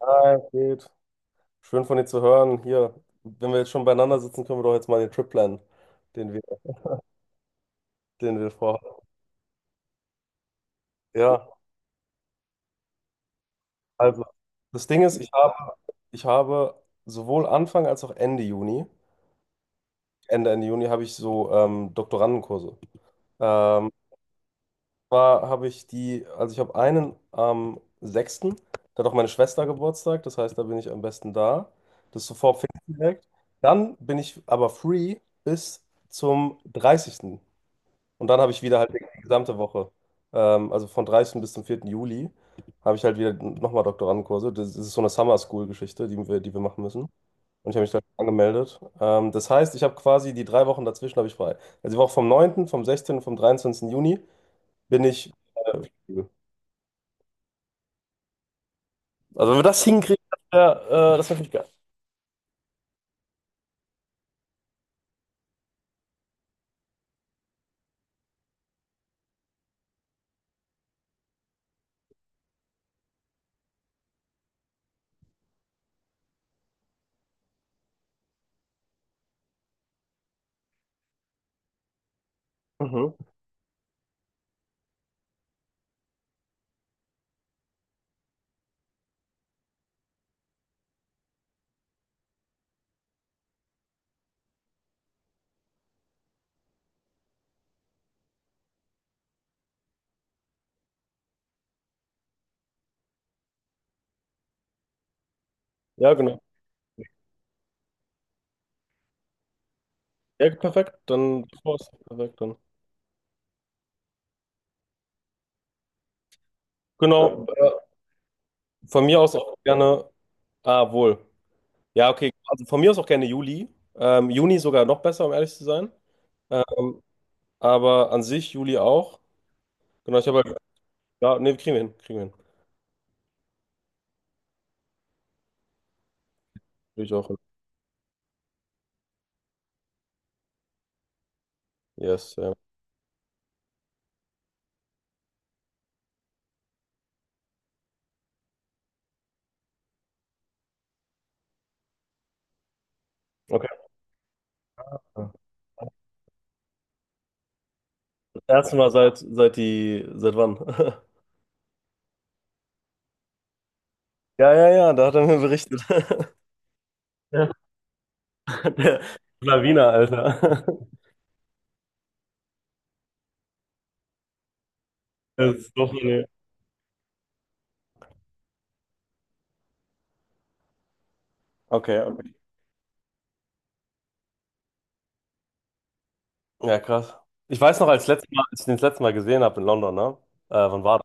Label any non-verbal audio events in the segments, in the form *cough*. Hi, geht. Schön von dir zu hören. Hier, wenn wir jetzt schon beieinander sitzen, können wir doch jetzt mal den Trip planen, den wir, den wir vorhaben. Ja, also das Ding ist, ich habe sowohl Anfang als auch Ende Juni, Ende Juni habe ich so Doktorandenkurse. Ähm, zwar habe ich die, also ich habe einen am 6., da hat auch meine Schwester Geburtstag, das heißt, da bin ich am besten da. Das ist sofort Pfingsten direkt. Dann bin ich aber free bis zum 30. Und dann habe ich wieder halt die gesamte Woche, also von 30. bis zum 4. Juli, habe ich halt wieder nochmal Doktorandenkurse. Das ist so eine Summer School-Geschichte, die wir machen müssen. Und ich habe mich da angemeldet. Das heißt, ich habe quasi die drei Wochen dazwischen habe ich frei. Also die Woche vom 9., vom 16. und vom 23. Juni bin ich flexibel. Also wenn wir das hinkriegen, das wär natürlich geil. Mhm. Ja, genau. Ja, perfekt. Dann perfekt dann. Genau. Von mir aus auch gerne. Ah, wohl. Ja, okay. Also von mir aus auch gerne Juli. Juni sogar noch besser, um ehrlich zu sein. Ähm, aber an sich Juli auch. Genau, ich habe halt. Ja, nee, kriegen wir hin. Kriegen wir hin. Würde ich auch hin. Yes, ja. Okay. Das erste Mal seit die. Seit wann? *laughs* Ja, ja, ja, da hat er mir berichtet. *laughs* Ja, der Lawiner, Alter. Das ist doch eine. Okay, okay. Ja, krass. Ich weiß noch, als letztes Mal, als ich den das letzte Mal gesehen habe in London, ne? Wann war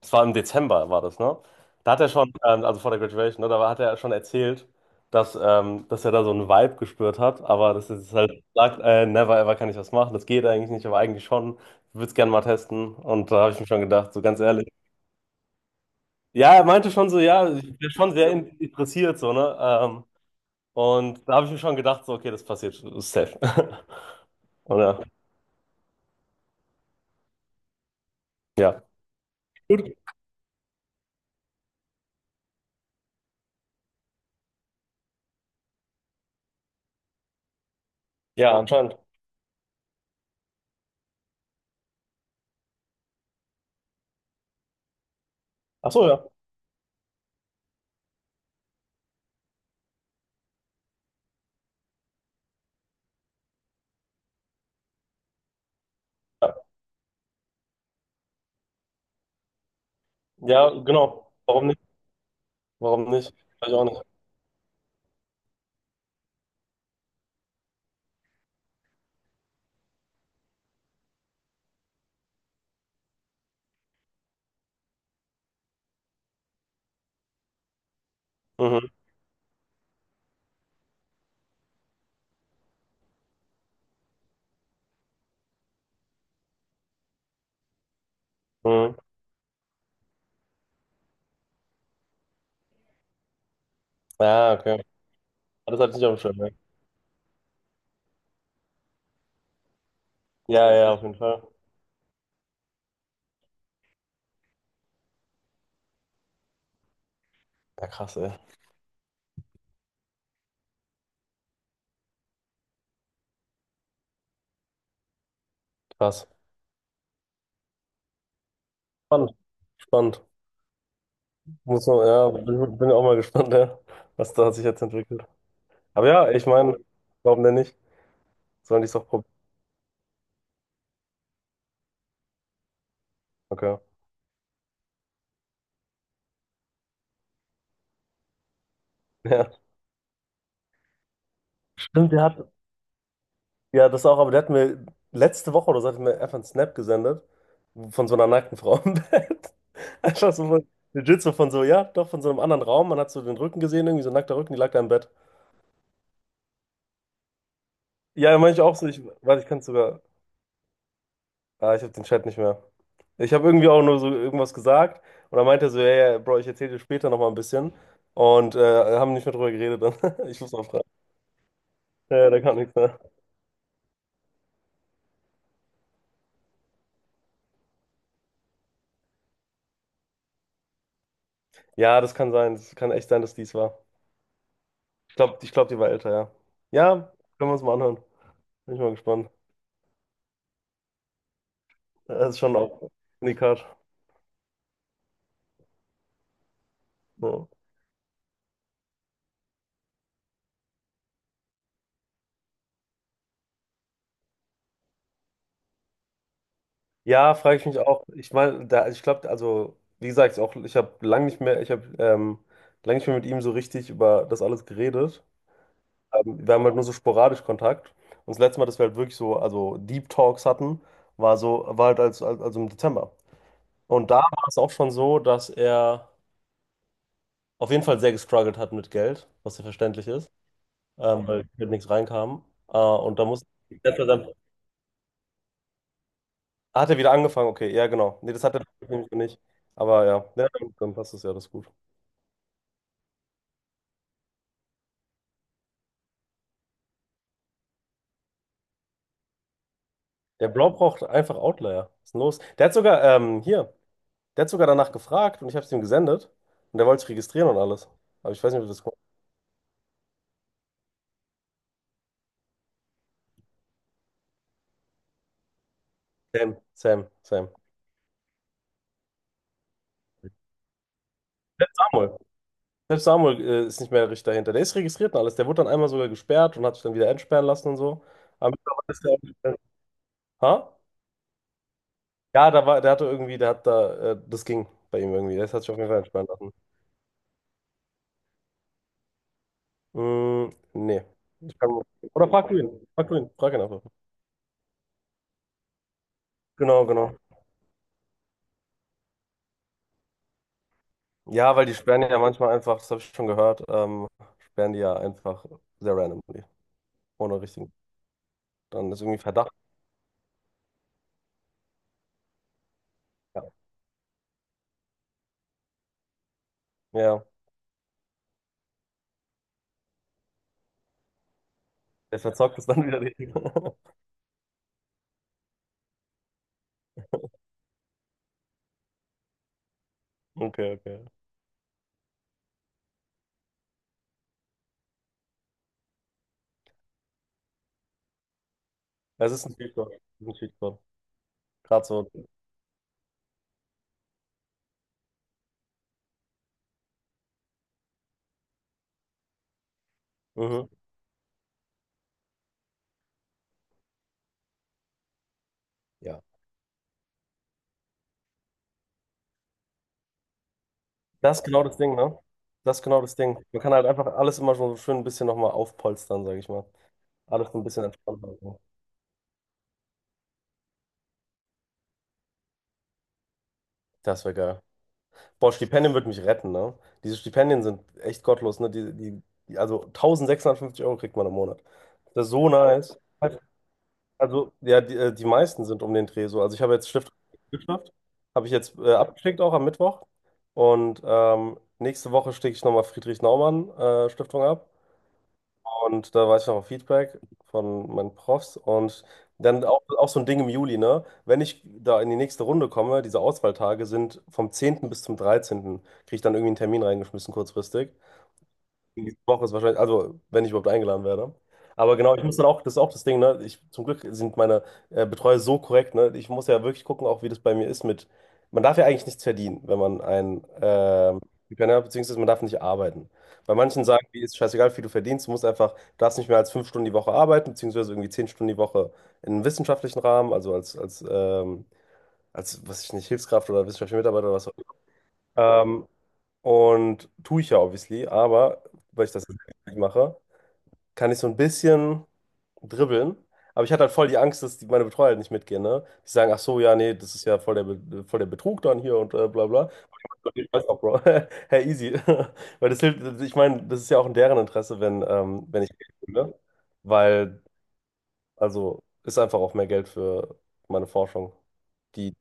Es war im Dezember, war das, ne? Da hat er schon, also vor der Graduation, ne, da hat er schon erzählt, dass er da so einen Vibe gespürt hat, aber das ist halt, sagt, never ever kann ich was machen, das geht eigentlich nicht, aber eigentlich schon, ich würde es gerne mal testen. Und da habe ich mir schon gedacht, so ganz ehrlich. Ja, er meinte schon so, ja, ich bin schon sehr interessiert, so, ne? Und da habe ich mir schon gedacht, so, okay, das passiert safe. *laughs* Oder, ja. Gut. Ja, anscheinend. Ach so, ja. Ja, ja, genau. Warum nicht? Warum nicht? Weiß ich auch nicht. Mhm. Mhm. Ja, okay. Das hatte ich nicht auf dem Schirm, ja. Ja, ja, auf jeden Fall. Ja, krass, ey. Krass. Spannend, spannend. Muss man, ja, bin auch mal gespannt, ja, was da sich jetzt entwickelt. Aber ja, ich meine, warum denn nicht? Sollen die es doch probieren? Okay. Ja. Stimmt, der hat, ja, das auch, aber der hat mir letzte Woche oder so hat er mir einfach einen Snap gesendet von so einer nackten Frau im Bett. *laughs* Einfach so von, legit so von so, ja, doch von so einem anderen Raum. Man hat so den Rücken gesehen, irgendwie so ein nackter Rücken, die lag da im Bett. Ja, meine ich auch so, ich, warte, ich kann es sogar. Ah, ich habe den Chat nicht mehr. Ich habe irgendwie auch nur so irgendwas gesagt, und dann meinte er so, ja, ja, Bro, ich erzähle dir später nochmal ein bisschen, und haben nicht mehr drüber geredet dann. *laughs* Ich muss mal fragen. Ja, da kam nichts mehr. Ja, das kann sein. Das kann echt sein, dass dies war. Ich glaube, ich glaub, die war älter, ja. Ja, können wir uns mal anhören. Bin ich mal gespannt. Das ist schon auch ein Unikat. Ja, ja frage ich mich auch. Ich meine, da, ich glaube, also, wie gesagt, auch, ich habe lange nicht mehr, ich habe lange nicht mehr mit ihm so richtig über das alles geredet. Wir haben halt nur so sporadisch Kontakt. Und das letzte Mal, dass wir halt wirklich so, also Deep Talks hatten, war so, war halt als, also im Dezember. Und da war es auch schon so, dass er auf jeden Fall sehr gestruggelt hat mit Geld, was ja verständlich ist, weil mit nichts reinkam. Und da muss, jetzt hat er wieder angefangen, okay, ja, genau. Nee, das hat er *laughs* nämlich noch nicht. Aber ja, ja, dann passt es ja, das ist gut. Der Bro braucht einfach Outlier. Was ist denn los? Der hat sogar danach gefragt, und ich habe es ihm gesendet, und der wollte sich registrieren und alles. Aber ich weiß nicht, ob das Sam, Sam, Sam. Selbst Samuel. Selbst Samuel ist nicht mehr richtig dahinter. Der ist registriert und alles. Der wurde dann einmal sogar gesperrt und hat sich dann wieder entsperren lassen und so. Aber mittlerweile ist der auch. Ha? Ja, da war, der hatte irgendwie, der hat da, das ging bei ihm irgendwie. Der hat sich auf jeden Fall entsperren lassen. Mm, nee. Ich kann, oder frag du ihn. Frag du ihn. Frag ihn einfach. Genau, genau. Ja, weil die sperren ja manchmal einfach, das habe ich schon gehört, sperren die ja einfach sehr randomly. Ohne richtigen. Dann ist irgendwie Verdacht. Ja, ja. Der verzockt es dann wieder richtig. *laughs* Okay, okay. Es ist ein Cheat Code. Ein Cheat Code. Gerade so. Mhm. Ja. Das ist genau das Ding, ne? Das ist genau das Ding. Man kann halt einfach alles immer schon so schön ein bisschen nochmal aufpolstern, sage ich mal. Alles so ein bisschen entspannter halten. Das wäre geil. Boah, Stipendien würde mich retten, ne? Diese Stipendien sind echt gottlos, ne? Also 1.650 Euro kriegt man im Monat. Das ist so nice. Also, ja, die meisten sind um den Dreh so. Also ich habe jetzt Stiftung geschafft. Habe ich jetzt abgeschickt auch am Mittwoch. Und nächste Woche schicke ich nochmal Friedrich Naumann Stiftung ab. Und da weiß ich noch auf Feedback von meinen Profs. Und dann auch so ein Ding im Juli, ne? Wenn ich da in die nächste Runde komme, diese Auswahltage sind vom 10. bis zum 13., kriege ich dann irgendwie einen Termin reingeschmissen kurzfristig. Nächste Woche ist wahrscheinlich, also wenn ich überhaupt eingeladen werde. Aber genau, ich muss dann auch, das ist auch das Ding, ne? Ich, zum Glück sind meine Betreuer so korrekt, ne? Ich muss ja wirklich gucken, auch wie das bei mir ist mit, man darf ja eigentlich nichts verdienen, wenn man ein Stipendien hat, beziehungsweise man darf nicht arbeiten. Bei manchen sagen, wie ist scheißegal, wie viel du verdienst, du musst einfach, du darfst nicht mehr als 5 Stunden die Woche arbeiten, beziehungsweise irgendwie 10 Stunden die Woche in einem wissenschaftlichen Rahmen, also was weiß ich nicht, Hilfskraft oder wissenschaftlicher Mitarbeiter oder was, ähm, und tue ich ja obviously, aber weil ich das nicht mache, kann ich so ein bisschen dribbeln. Aber ich hatte halt voll die Angst, dass die, meine Betreuer halt nicht mitgehen, ne? Die sagen, ach so, ja, nee, das ist ja voll voll der Betrug dann hier und bla bla. Und ich weiß auch, Bro. *laughs* Hey, easy. *laughs* Weil das hilft, ich meine, das ist ja auch in deren Interesse, wenn ich Geld verdiene. Weil, also, ist einfach auch mehr Geld für meine Forschung. Die.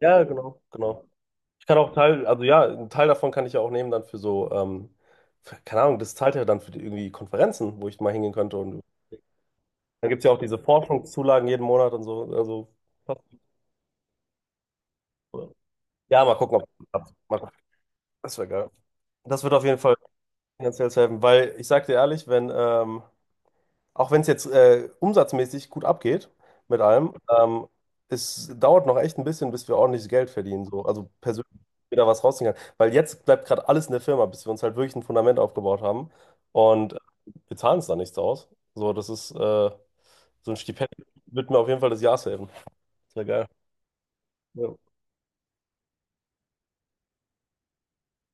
Ja, genau, genau. Ich kann auch Teil, also ja, einen Teil davon kann ich ja auch nehmen dann für so, für, keine Ahnung, das zahlt ja dann für die, irgendwie Konferenzen, wo ich mal hingehen könnte. Und dann gibt es ja auch diese Forschungszulagen jeden Monat und so. Also, passt, ja, mal gucken, ob das klappt. Mal gucken. Das wäre geil. Das wird auf jeden Fall finanziell helfen, weil ich sag dir ehrlich, wenn, auch wenn es jetzt umsatzmäßig gut abgeht mit allem, es dauert noch echt ein bisschen, bis wir ordentliches Geld verdienen, so. Also persönlich wieder was rausziehen kann. Weil jetzt bleibt gerade alles in der Firma, bis wir uns halt wirklich ein Fundament aufgebaut haben. Und wir zahlen es da nichts aus. So, das ist so ein Stipendium wird mir auf jeden Fall des Jahres helfen. Sehr geil. Ja.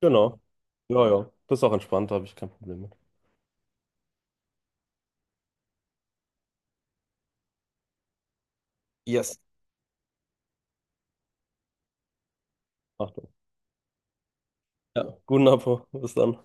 Genau. Ja, ja. Das ist auch entspannt, da habe ich kein Problem mit. Yes. Achtung. Ja. Guten Appetit. Bis dann.